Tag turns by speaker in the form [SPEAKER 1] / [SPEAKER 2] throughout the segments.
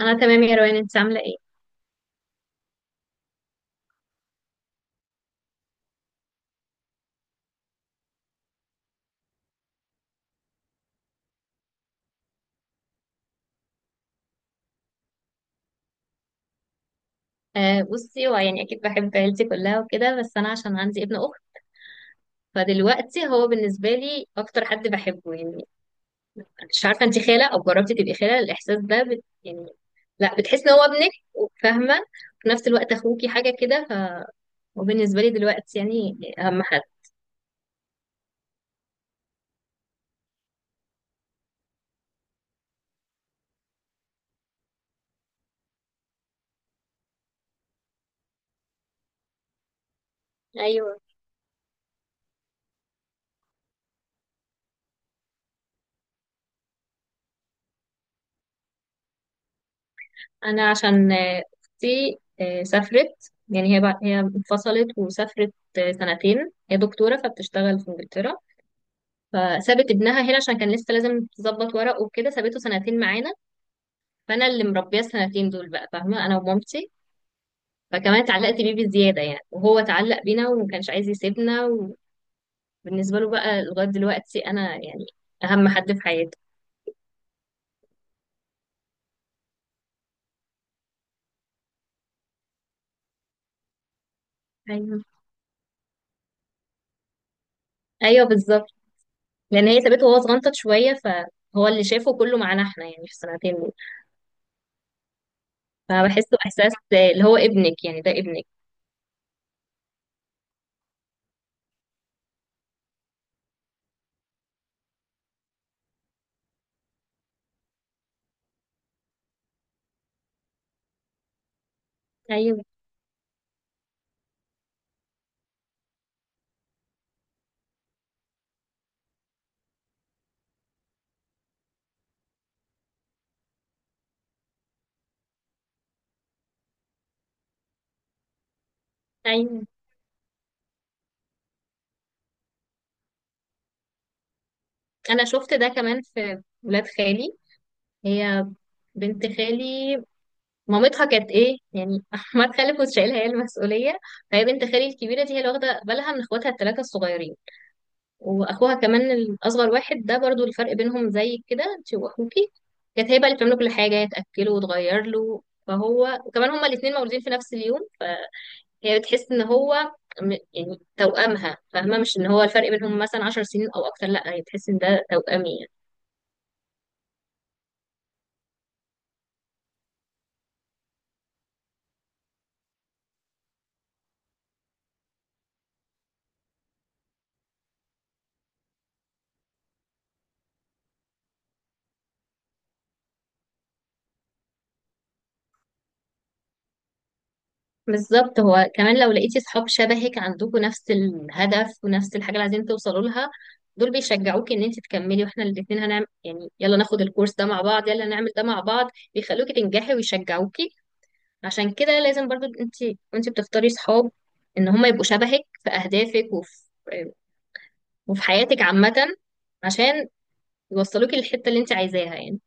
[SPEAKER 1] انا تمام يا روان، انت عامله ايه؟ آه، بصي، هو يعني اكيد بحب عيلتي كلها وكده، بس انا عشان عندي ابن اخت فدلوقتي هو بالنسبه لي اكتر حد بحبه يعني. مش عارفه، انت خاله او جربتي تبقي خاله الاحساس ده بت يعني؟ لا، بتحسي ان هو ابنك وفاهمه، وفي نفس الوقت اخوكي حاجه كده، فهو بالنسبه لي دلوقتي يعني اهم حد. ايوه. انا عشان اختي سافرت يعني، هي انفصلت وسافرت سنتين. هي دكتوره فبتشتغل في انجلترا، فسابت ابنها هنا عشان كان لسه لازم تظبط ورق وكده، سابته سنتين معانا. فانا اللي مربيه السنتين دول بقى، فاهمه، انا ومامتي. فكمان اتعلقت بيه بزياده يعني، وهو اتعلق بينا وما كانش عايز يسيبنا. وبالنسبه له بقى لغايه دلوقتي انا يعني اهم حد في حياته. ايوه. ايوه بالظبط، لان هي سابته وهو صغنطت شويه، فهو اللي شافه كله معانا احنا يعني في السنتين دول. فبحسه احساس اللي هو ابنك، يعني ده ابنك. ايوه. ايوه، انا شفت ده كمان في ولاد خالي. هي بنت خالي، مامتها كانت ايه يعني احمد خالد، كنت شايلها هي المسؤوليه. فهي بنت خالي الكبيره دي هي اللي واخده بالها من اخواتها الثلاثه الصغيرين، واخوها كمان الاصغر واحد ده، برضو الفرق بينهم زي كده انت واخوكي. كانت هي بقى اللي بتعمله كل حاجه، هي تاكله وتغير له. فهو وكمان هما الاثنين مولودين في نفس اليوم، فهي بتحس ان هو يعني توأمها، فاهمه، مش ان هو الفرق بينهم مثلا 10 سنين او اكتر. لا، هي بتحس ان ده توأمي. بالظبط. هو كمان لو لقيتي صحاب شبهك، عندكم نفس الهدف ونفس الحاجة اللي عايزين توصلوا لها، دول بيشجعوكي ان انت تكملي. واحنا الاتنين هنعمل، يعني يلا ناخد الكورس ده مع بعض، يلا نعمل ده مع بعض، بيخلوكي تنجحي ويشجعوكي. عشان كده لازم برضو انت وانت بتختاري صحاب ان هم يبقوا شبهك في اهدافك وفي وفي حياتك عامة، عشان يوصلوكي للحتة اللي انت عايزاها يعني.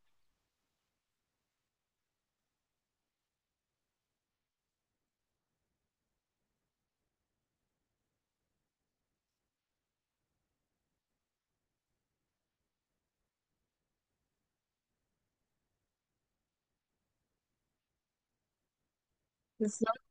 [SPEAKER 1] بالظبط.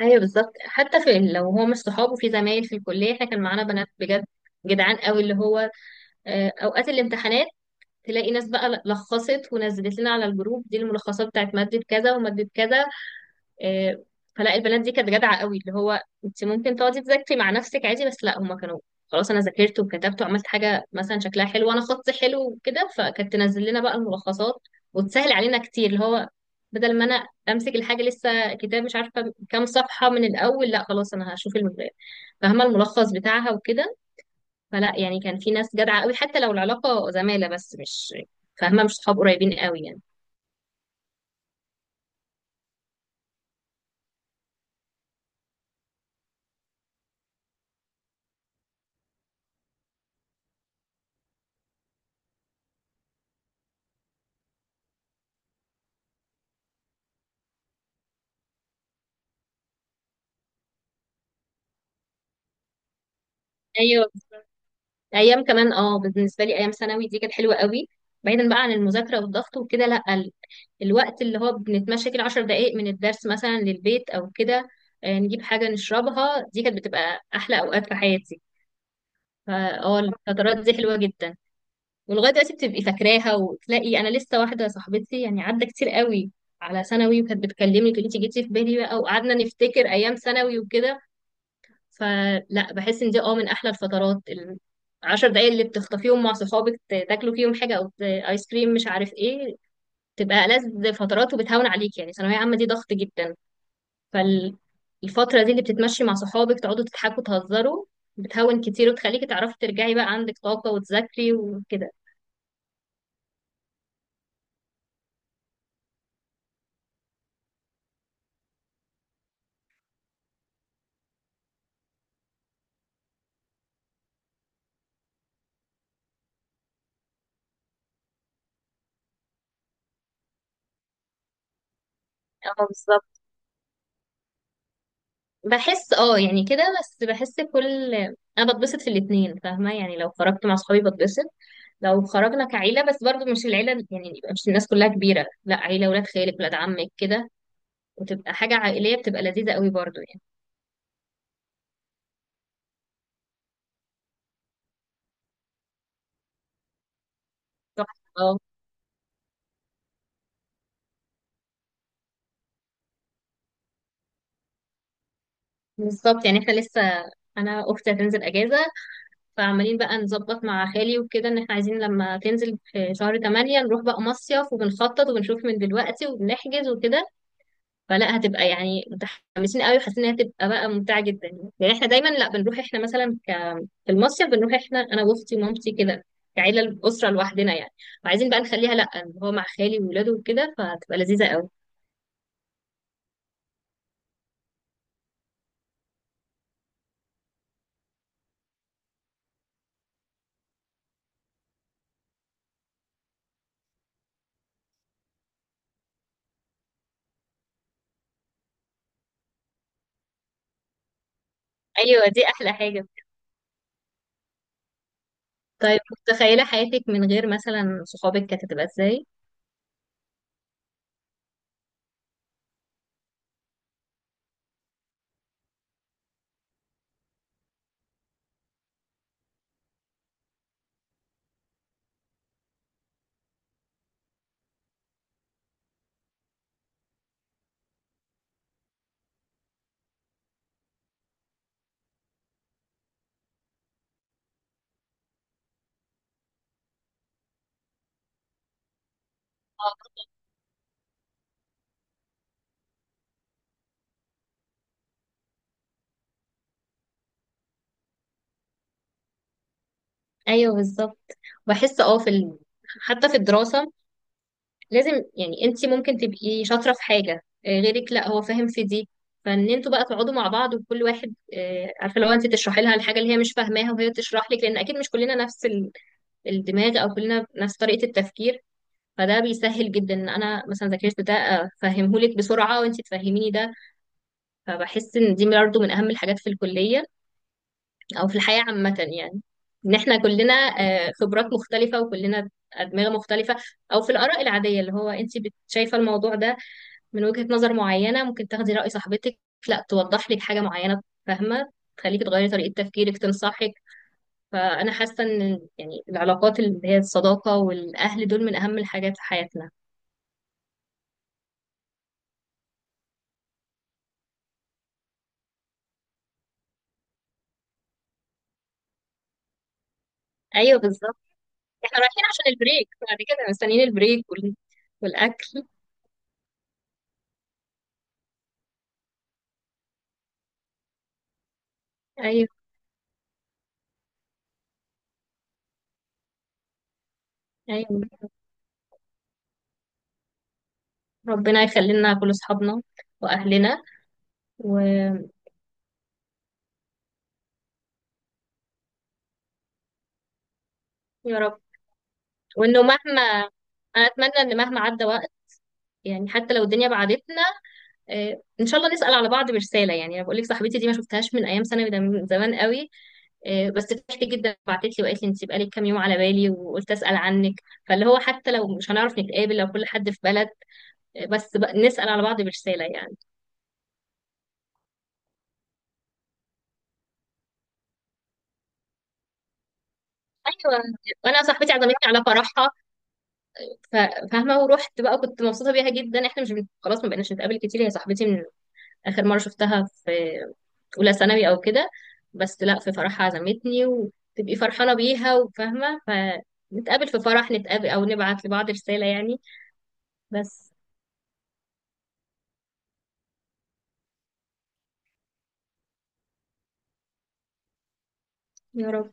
[SPEAKER 1] ايوه بالظبط، حتى في، لو هو مش صحابه في، زمايل في الكليه، احنا كان معانا بنات بجد جدعان قوي. اللي هو اوقات الامتحانات تلاقي ناس بقى لخصت ونزلت لنا على الجروب دي الملخصات بتاعت ماده كذا وماده كذا. آه، فلا البنات دي كانت جدعه قوي. اللي هو انت ممكن تقعدي تذاكري مع نفسك عادي، بس لا هما كانوا خلاص، انا ذاكرت وكتبت وعملت حاجه مثلا شكلها حلو وانا خطي حلو وكده، فكانت تنزل لنا بقى الملخصات وتسهل علينا كتير. اللي هو بدل ما انا امسك الحاجه لسه كتاب مش عارفه كام صفحه من الاول، لا خلاص انا هشوف فاهمه الملخص بتاعها وكده. فلا يعني كان في ناس جدعة قوي، حتى لو العلاقة زمالة بس، مش فاهمة، مش صحاب قريبين قوي يعني. ايوه. ايام كمان اه بالنسبة لي، ايام ثانوي دي كانت حلوة قوي، بعيدا بقى عن المذاكرة والضغط وكده. لا الوقت اللي هو بنتمشى كده 10 دقايق من الدرس مثلا للبيت او كده، نجيب حاجة نشربها، دي كانت بتبقى احلى اوقات في حياتي. فاه الفترات دي حلوة جدا، ولغايه دلوقتي بتبقي فاكراها. وتلاقي انا لسه واحده صاحبتي، يعني عدى كتير قوي على ثانوي، وكانت بتكلمني تقولي انت جيتي في بالي، بقى وقعدنا نفتكر ايام ثانوي وكده. فلا بحس ان دي اه من احلى الفترات. العشر دقايق اللي بتخطفيهم مع صحابك، تاكلوا فيهم حاجه، او ايس كريم مش عارف ايه، تبقى ألذ فترات. وبتهون عليك، يعني ثانويه عامه دي ضغط جدا، فالفتره دي اللي بتتمشي مع صحابك تقعدوا تضحكوا تهزروا بتهون كتير، وتخليكي تعرفي ترجعي بقى عندك طاقه وتذاكري وكده. اه بالظبط. بحس اه يعني كده، بس بحس كل، انا بتبسط في الاتنين، فاهمه، يعني لو خرجت مع صحابي بتبسط. لو خرجنا كعيله، بس برضو مش العيله يعني، يبقى مش الناس كلها كبيره، لا عيله ولاد خالك ولاد عمك كده، وتبقى حاجه عائليه، بتبقى لذيذه قوي برضو يعني. تحفه اه. بالظبط، يعني احنا لسه، انا اختي هتنزل اجازه، فعمالين بقى نظبط مع خالي وكده، ان احنا عايزين لما تنزل في شهر 8 نروح بقى مصيف، وبنخطط وبنشوف من دلوقتي وبنحجز وكده. فلا هتبقى يعني متحمسين قوي، وحاسين انها هتبقى بقى ممتعه جدا. يعني احنا دايما لا بنروح احنا مثلا في المصيف، بنروح احنا انا واختي ومامتي كده، كعيله الاسره لوحدنا يعني. وعايزين بقى نخليها لا، إن هو مع خالي وولاده وكده، فهتبقى لذيذه قوي. ايوه دي احلى حاجه. طيب متخيله حياتك من غير مثلا صحابك كانت هتبقى ازاي؟ ايوه بالظبط. بحس اه في حتى في الدراسه لازم، يعني انت ممكن تبقي شاطرة في حاجة غيرك لا هو فاهم في دي، فان انتوا بقى تقعدوا مع بعض، وكل واحد عارفة، لو انت تشرحي لها الحاجة اللي هي مش فاهماها وهي تشرح لك، لان اكيد مش كلنا نفس الدماغ، او كلنا نفس طريقة التفكير. فده بيسهل جدا ان انا مثلا ذاكرت ده افهمه لك بسرعة، وانت تفهميني ده. فبحس ان دي برضه من اهم الحاجات في الكلية، او في الحياة عامة يعني، ان احنا كلنا خبرات مختلفة وكلنا ادمغة مختلفة. او في الاراء العادية، اللي هو انت شايفة الموضوع ده من وجهة نظر معينة، ممكن تاخدي رأي صاحبتك لا توضح لك حاجة معينة، فاهمة، تخليكي تغيري طريقة تفكيرك، تنصحك. فأنا حاسة إن يعني العلاقات، اللي هي الصداقة والأهل، دول من أهم الحاجات في حياتنا. أيوه بالظبط. احنا رايحين عشان البريك، بعد كده مستنيين البريك والأكل. أيوه. أيوه. ربنا يخلي لنا كل أصحابنا وأهلنا. ويا رب. وإنه مهما، أنا أتمنى إن مهما عدى وقت، يعني حتى لو الدنيا بعدتنا، ان شاء الله نسأل على بعض برسالة. يعني انا بقول لك، صاحبتي دي ما شفتهاش من ايام ثانوي، ده من زمان قوي. بس فرحت جدا، بعتت لي وقالت لي، انت بقالك كام يوم على بالي وقلت اسال عنك. فاللي هو حتى لو مش هنعرف نتقابل، لو كل حد في بلد، بس بقى نسال على بعض برساله يعني. ايوه. وانا صاحبتي عزمتني على فرحها، ف- فاهمه، ورحت بقى، كنت مبسوطه بيها جدا. احنا مش خلاص ما بقيناش نتقابل كتير، هي صاحبتي، من اخر مره شفتها في اولى ثانوي او كده. بس لا في فرحها عزمتني، وتبقي فرحانه بيها، وفاهمه، فنتقابل في فرح، نتقابل او نبعت لبعض رساله يعني. بس. يا رب.